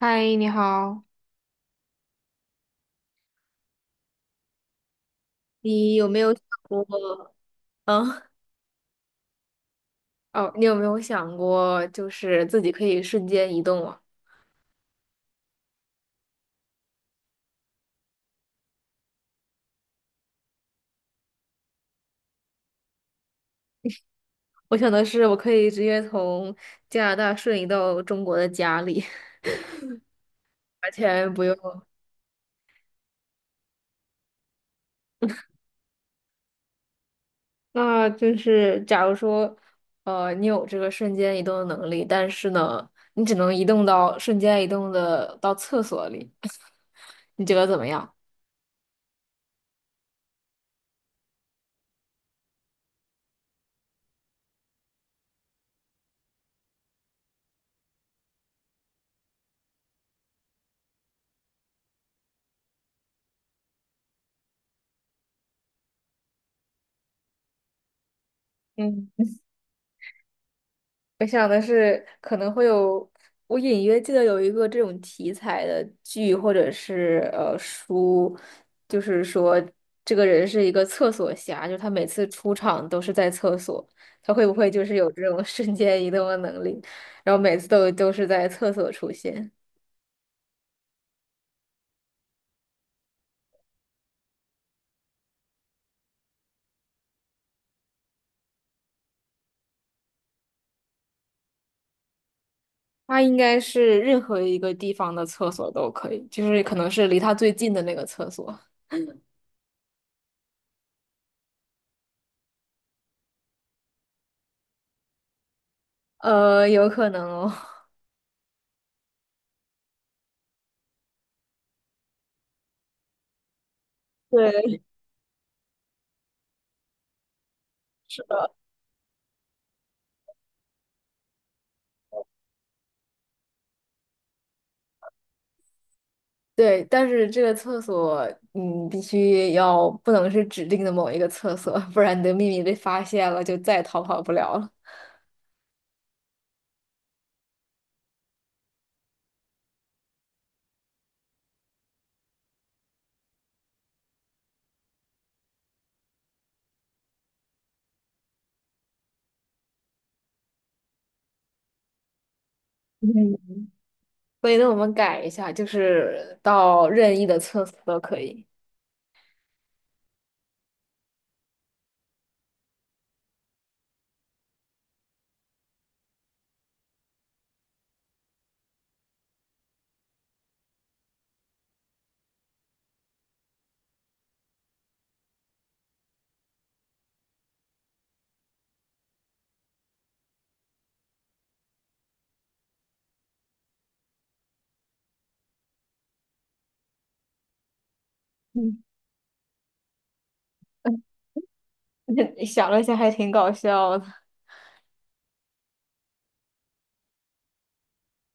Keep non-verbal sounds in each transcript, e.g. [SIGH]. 嗨，你好。你有没有想过？嗯，哦，你有没有想过，就是自己可以瞬间移动啊？我想的是，我可以直接从加拿大瞬移到中国的家里。[LAUGHS] 完全不用。那就是，假如说，你有这个瞬间移动的能力，但是呢，你只能移动到瞬间移动的到厕所里，你觉得怎么样？嗯。我想的是可能会有，我隐约记得有一个这种题材的剧或者是书，就是说这个人是一个厕所侠，就是他每次出场都是在厕所，他会不会就是有这种瞬间移动的能力，然后每次都是在厕所出现？他应该是任何一个地方的厕所都可以，就是可能是离他最近的那个厕所，有可能哦。[LAUGHS] 对，但是这个厕所，嗯，必须要不能是指定的某一个厕所，不然你的秘密被发现了，就再也逃跑不了了。嗯 [LAUGHS] 所以呢，我们改一下，就是到任意的厕所都可以。嗯，[LAUGHS] 想了一下，还挺搞笑的。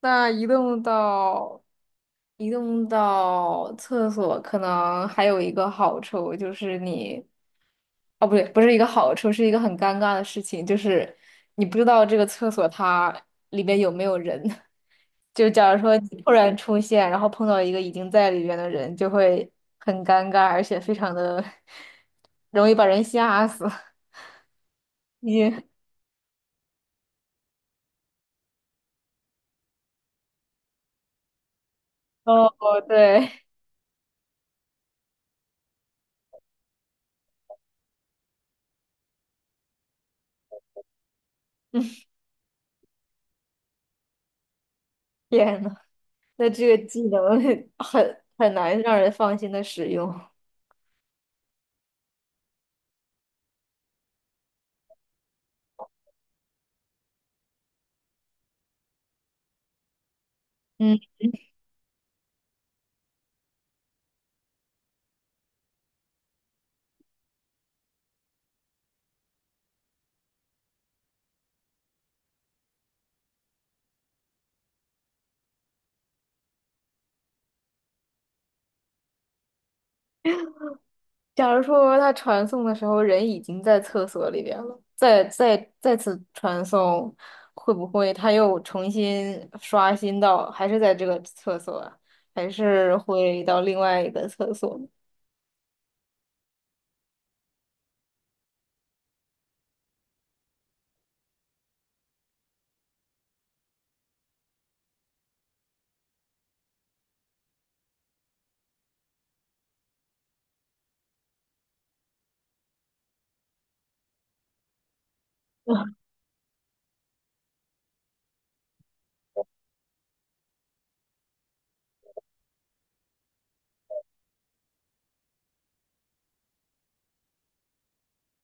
那移动到厕所，可能还有一个好处就是你，哦，不对，不是一个好处，是一个很尴尬的事情，就是你不知道这个厕所它里面有没有人。[LAUGHS] 就假如说你突然出现，然后碰到一个已经在里边的人，就会很尴尬，而且非常的 [LAUGHS] 容易把人吓死。[LAUGHS] 你，哦，对，[LAUGHS] 天呐。那这个技能 [LAUGHS] 很难让人放心的使用。嗯，假如说他传送的时候人已经在厕所里边了，再次传送，会不会他又重新刷新到还是在这个厕所啊，还是会到另外一个厕所呢？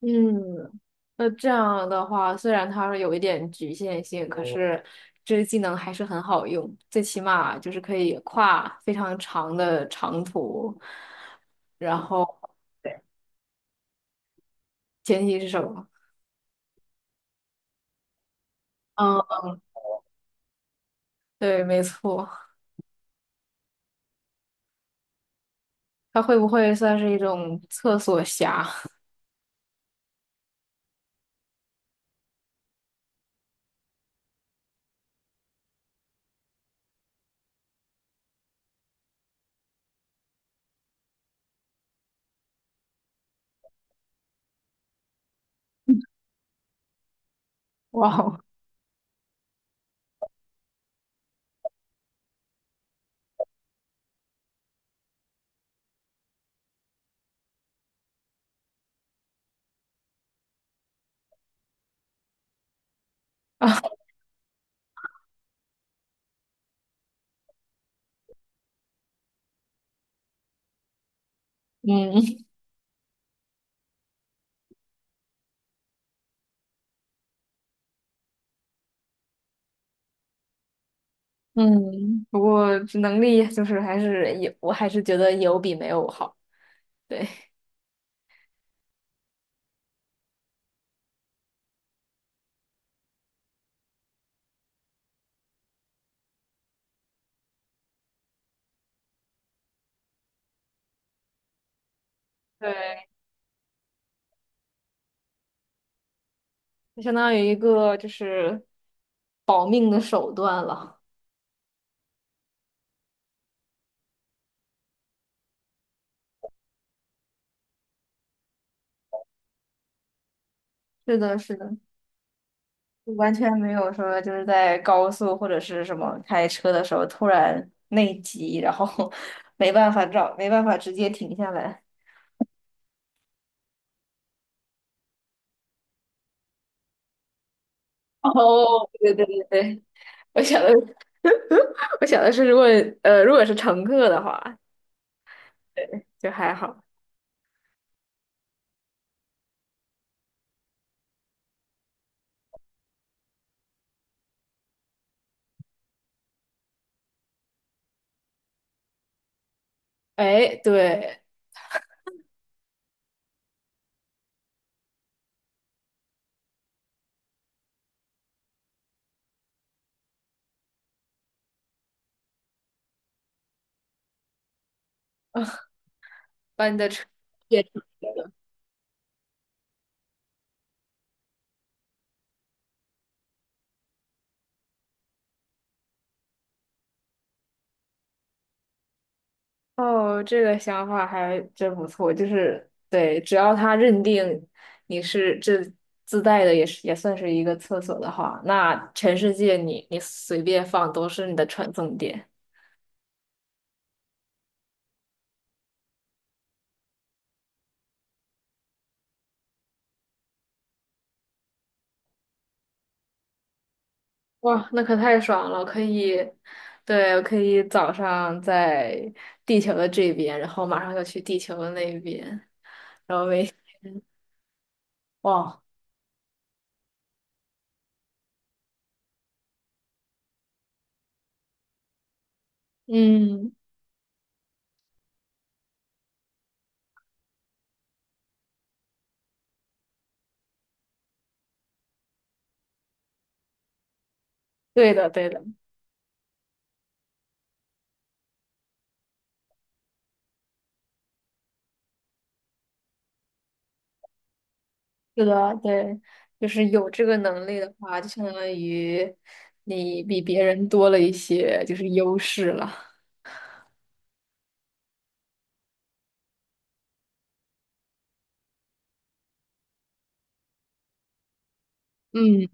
嗯，那这样的话，虽然它有一点局限性，可是这个技能还是很好用，最起码就是可以跨非常长的长途。然后 [LAUGHS]，对，前提是什么？嗯，对，没错，它会不会算是一种厕所侠？[LAUGHS] 哇哦，嗯 [LAUGHS] 嗯，不过这能力就是还是有，我还是觉得有比没有好。对对。就相当于一个就是保命的手段了。是的，是的，就完全没有说就是在高速或者是什么开车的时候突然内急，然后 [LAUGHS] 没办法找，没办法直接停下来。哦，对对对对，我想的，[LAUGHS] 我想的是，如果如果是乘客的话，对，就还好。哎，对，把你的车哦，这个想法还真不错，就是对，只要他认定你是这自带的，也是也算是一个厕所的话，那全世界你随便放都是你的传送点。哇，那可太爽了，可以，对，我可以早上在地球的这边，然后马上就去地球的那边，然后每天，哇，嗯，对的，对的。是的，对，就是有这个能力的话，就相当于你比别人多了一些就是优势了。嗯，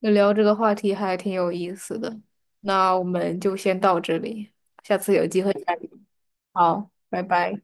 那聊这个话题还挺有意思的，那我们就先到这里，下次有机会再聊。好，拜拜。